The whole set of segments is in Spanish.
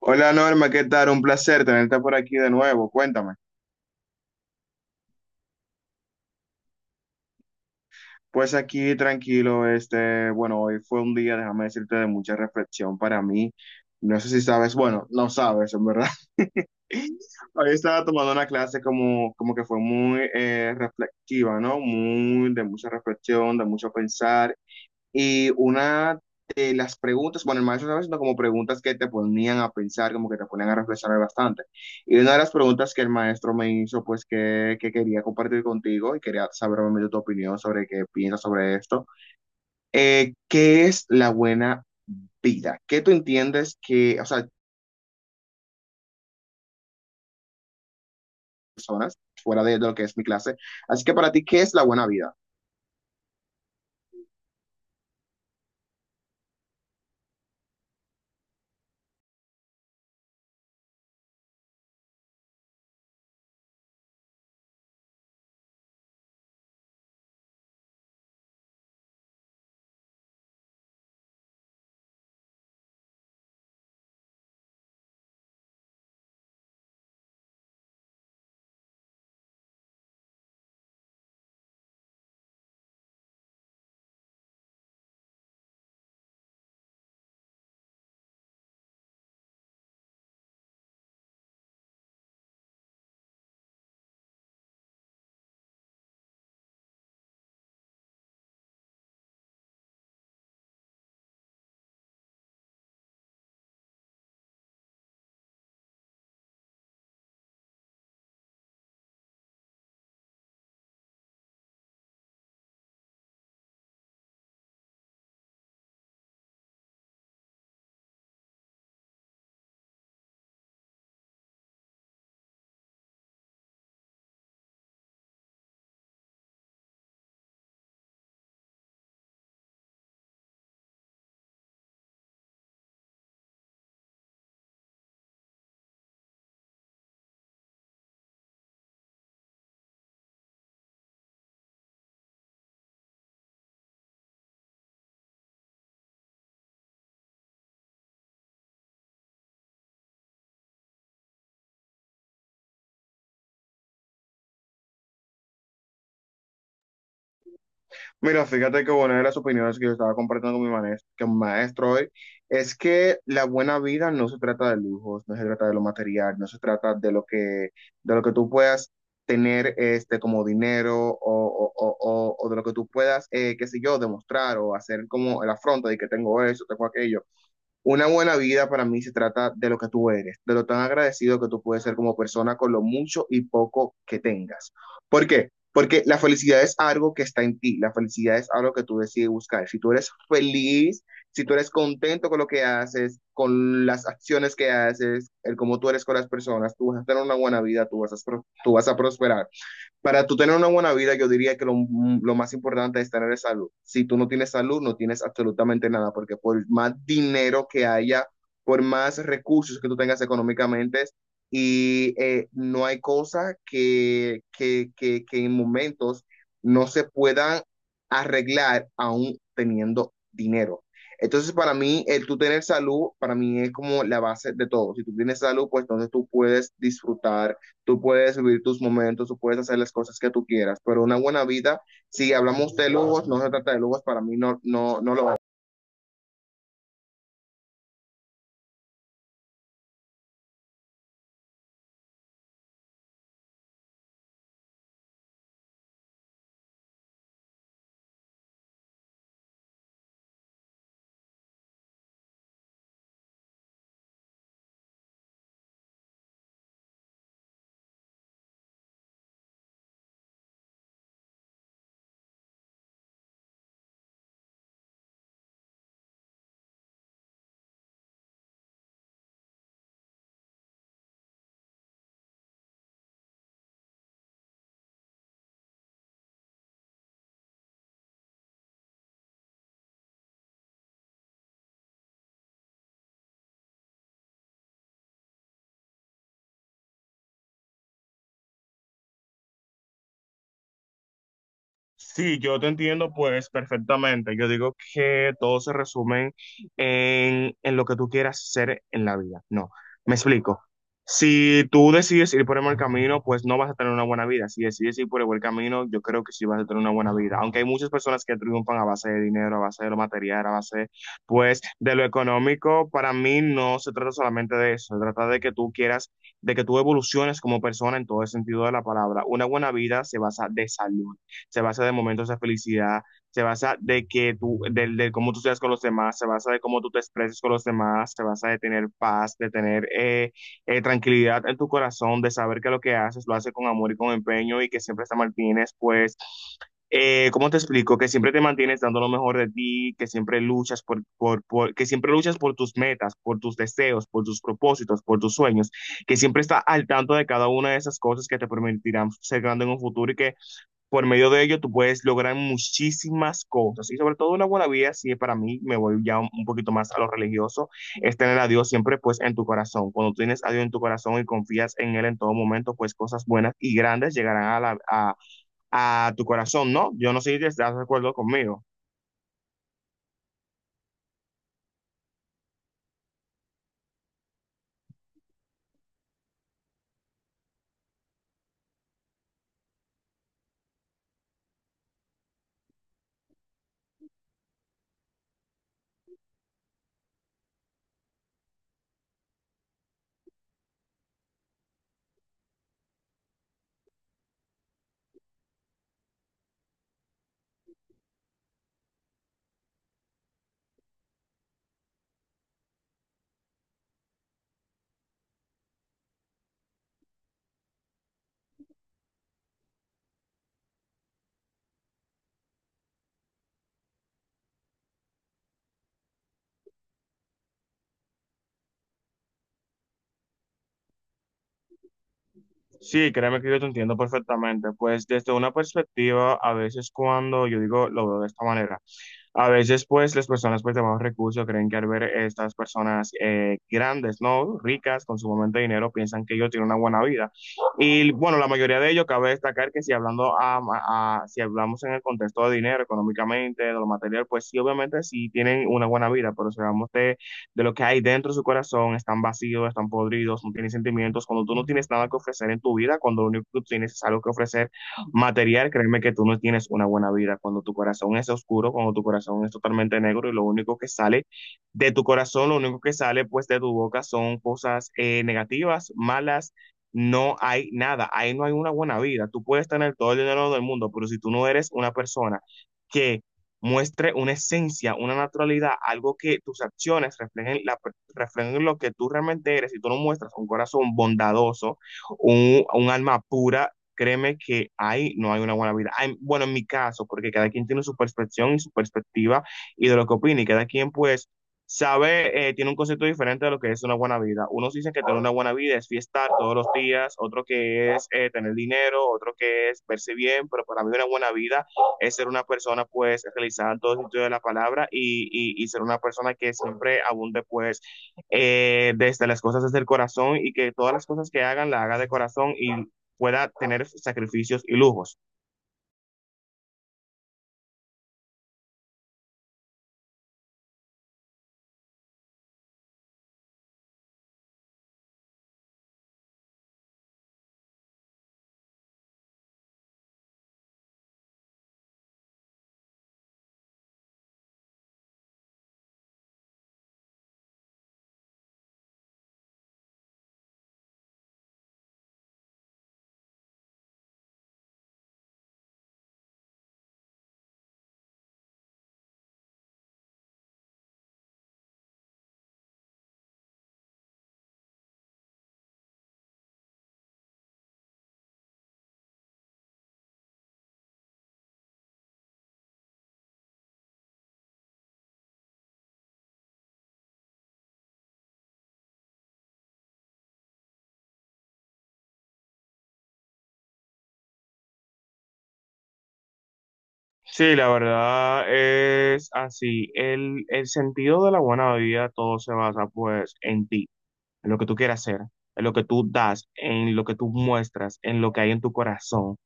Hola Norma, ¿qué tal? Un placer tenerte por aquí de nuevo. Cuéntame. Pues aquí tranquilo, este, bueno, hoy fue un día, déjame decirte, de mucha reflexión para mí. No sé si sabes, bueno, no sabes, en verdad. Hoy estaba tomando una clase como, como que fue muy reflexiva, ¿no? Muy de mucha reflexión, de mucho pensar. Y una de las preguntas, bueno, el maestro estaba haciendo como preguntas que te ponían a pensar, como que te ponían a reflexionar bastante. Y una de las preguntas que el maestro me hizo, pues que quería compartir contigo y quería saber obviamente tu opinión sobre qué piensas sobre esto, ¿qué es la buena vida? ¿Qué tú entiendes que, o sea, personas fuera de lo que es mi clase? Así que para ti, ¿qué es la buena vida? Mira, fíjate que bueno, una de las opiniones que yo estaba compartiendo con con mi maestro hoy es que la buena vida no se trata de lujos, no se trata de lo material, no se trata de lo que tú puedas tener este, como dinero o de lo que tú puedas, qué sé yo, demostrar o hacer como el afronto de que tengo eso, tengo aquello. Una buena vida para mí se trata de lo que tú eres, de lo tan agradecido que tú puedes ser como persona con lo mucho y poco que tengas. ¿Por qué? Porque la felicidad es algo que está en ti, la felicidad es algo que tú decides buscar. Si tú eres feliz, si tú eres contento con lo que haces, con las acciones que haces, el cómo tú eres con las personas, tú vas a tener una buena vida, tú vas a prosperar. Para tú tener una buena vida, yo diría que lo más importante es tener salud. Si tú no tienes salud, no tienes absolutamente nada, porque por más dinero que haya, por más recursos que tú tengas económicamente, y no hay cosa que en momentos no se puedan arreglar aún teniendo dinero. Entonces, para mí, el tú tener salud, para mí es como la base de todo. Si tú tienes salud, pues entonces tú puedes disfrutar, tú puedes vivir tus momentos, tú puedes hacer las cosas que tú quieras, pero una buena vida, si hablamos de lujos, no se trata de lujos, para mí no, no, no lo… Sí, yo te entiendo pues perfectamente. Yo digo que todo se resume en lo que tú quieras ser en la vida. No, me explico. Si tú decides ir por el mal camino, pues no vas a tener una buena vida. Si decides ir por el buen camino, yo creo que sí vas a tener una buena vida. Aunque hay muchas personas que triunfan a base de dinero, a base de lo material, a base, pues, de lo económico. Para mí no se trata solamente de eso. Se trata de que tú quieras, de que tú evoluciones como persona en todo el sentido de la palabra. Una buena vida se basa de salud, se basa de momentos de felicidad, se basa de que tú, del de cómo tú seas con los demás, se basa de cómo tú te expreses con los demás, se basa de tener paz, de tener tranquilidad en tu corazón, de saber que lo que haces lo haces con amor y con empeño y que siempre te mantienes, pues, ¿cómo te explico? Que siempre te mantienes dando lo mejor de ti, que siempre luchas que siempre luchas por tus metas, por tus deseos, por tus propósitos, por tus sueños, que siempre está al tanto de cada una de esas cosas que te permitirán ser grande en un futuro y que por medio de ello, tú puedes lograr muchísimas cosas y sobre todo una buena vida. Si para mí me voy ya un poquito más a lo religioso, es tener a Dios siempre pues en tu corazón. Cuando tú tienes a Dios en tu corazón y confías en Él en todo momento, pues cosas buenas y grandes llegarán a tu corazón, ¿no? Yo no sé si te estás de acuerdo conmigo. Sí, créeme que yo te entiendo perfectamente. Pues desde una perspectiva, a veces cuando yo digo, lo veo de esta manera. A veces, pues, las personas pues, de bajos recursos creen que al ver estas personas grandes, ¿no? Ricas, con sumamente dinero, piensan que ellos tienen una buena vida. Y bueno, la mayoría de ellos, cabe destacar que si si hablamos en el contexto de dinero, económicamente, de lo material, pues sí, obviamente sí tienen una buena vida, pero si hablamos de lo que hay dentro de su corazón, están vacíos, están podridos, no tienen sentimientos, cuando tú no tienes nada que ofrecer en tu vida, cuando lo único que tú tienes es algo que ofrecer material, créeme que tú no tienes una buena vida. Cuando tu corazón es oscuro, cuando tu corazón es totalmente negro y lo único que sale de tu corazón, lo único que sale pues de tu boca son cosas negativas, malas. No hay nada, ahí no hay una buena vida. Tú puedes tener todo el dinero del mundo, pero si tú no eres una persona que muestre una esencia, una naturalidad, algo que tus acciones reflejen, reflejen lo que tú realmente eres. Si tú no muestras un corazón bondadoso, un alma pura, créeme que ahí no hay una buena vida. Hay- bueno, en mi caso, porque cada quien tiene su percepción y su perspectiva y de lo que opina, y cada quien pues sabe, tiene un concepto diferente de lo que es una buena vida. Unos dicen que tener una buena vida es fiestar todos los días, otro que es tener dinero, otro que es verse bien, pero para mí una buena vida es ser una persona pues realizada en todo sentido de la palabra y ser una persona que siempre abunde pues desde las cosas desde el corazón y que todas las cosas que hagan la haga de corazón y pueda tener sacrificios y lujos. Sí, la verdad es así. El sentido de la buena vida todo se basa pues en ti, en lo que tú quieras hacer, en lo que tú das, en lo que tú muestras, en lo que hay en tu corazón.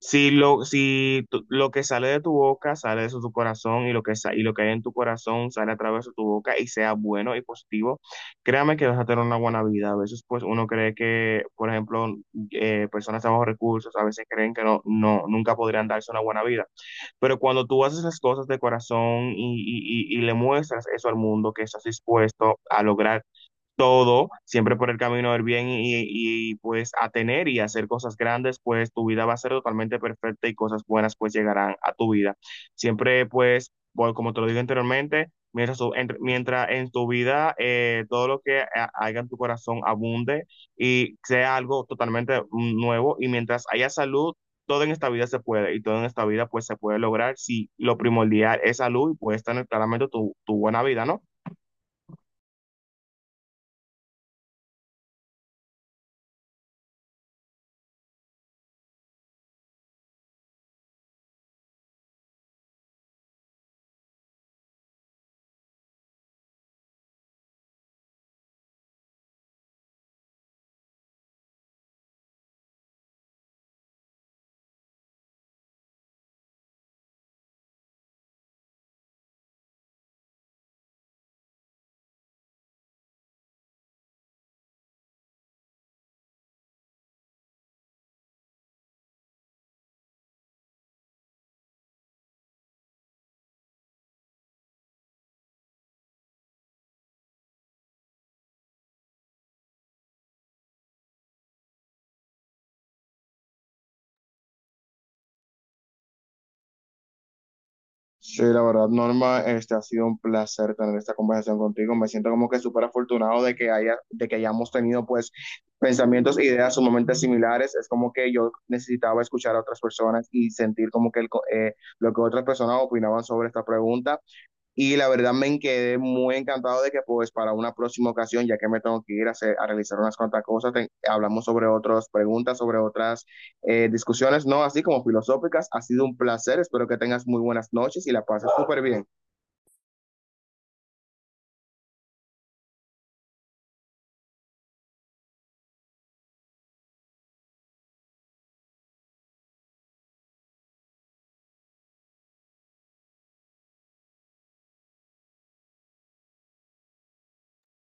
Si lo, si tu- lo que sale de tu boca sale de tu corazón y lo y lo que hay en tu corazón sale a través de tu boca y sea bueno y positivo, créame que vas a tener una buena vida. A veces pues uno cree que, por ejemplo, personas de bajos recursos a veces creen que no, no, nunca podrían darse una buena vida. Pero cuando tú haces las cosas de corazón y le muestras eso al mundo, que estás dispuesto a lograr todo, siempre por el camino del bien y, pues a tener y hacer cosas grandes, pues tu vida va a ser totalmente perfecta y cosas buenas pues llegarán a tu vida. Siempre pues, bueno, como te lo dije anteriormente, mientras en tu vida todo lo que haya en tu corazón abunde y sea algo totalmente nuevo y mientras haya salud, todo en esta vida se puede y todo en esta vida pues se puede lograr si lo primordial es salud y puedes tener claramente tu buena vida, ¿no? Sí, la verdad, Norma, este ha sido un placer tener esta conversación contigo. Me siento como que súper afortunado de que de que hayamos tenido pues pensamientos e ideas sumamente similares. Es como que yo necesitaba escuchar a otras personas y sentir como que lo que otras personas opinaban sobre esta pregunta. Y la verdad me quedé muy encantado de que pues para una próxima ocasión, ya que me tengo que ir a realizar unas cuantas cosas, hablamos sobre otras preguntas, sobre otras discusiones, no así como filosóficas. Ha sido un placer, espero que tengas muy buenas noches y la pases súper bien.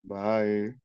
Bye.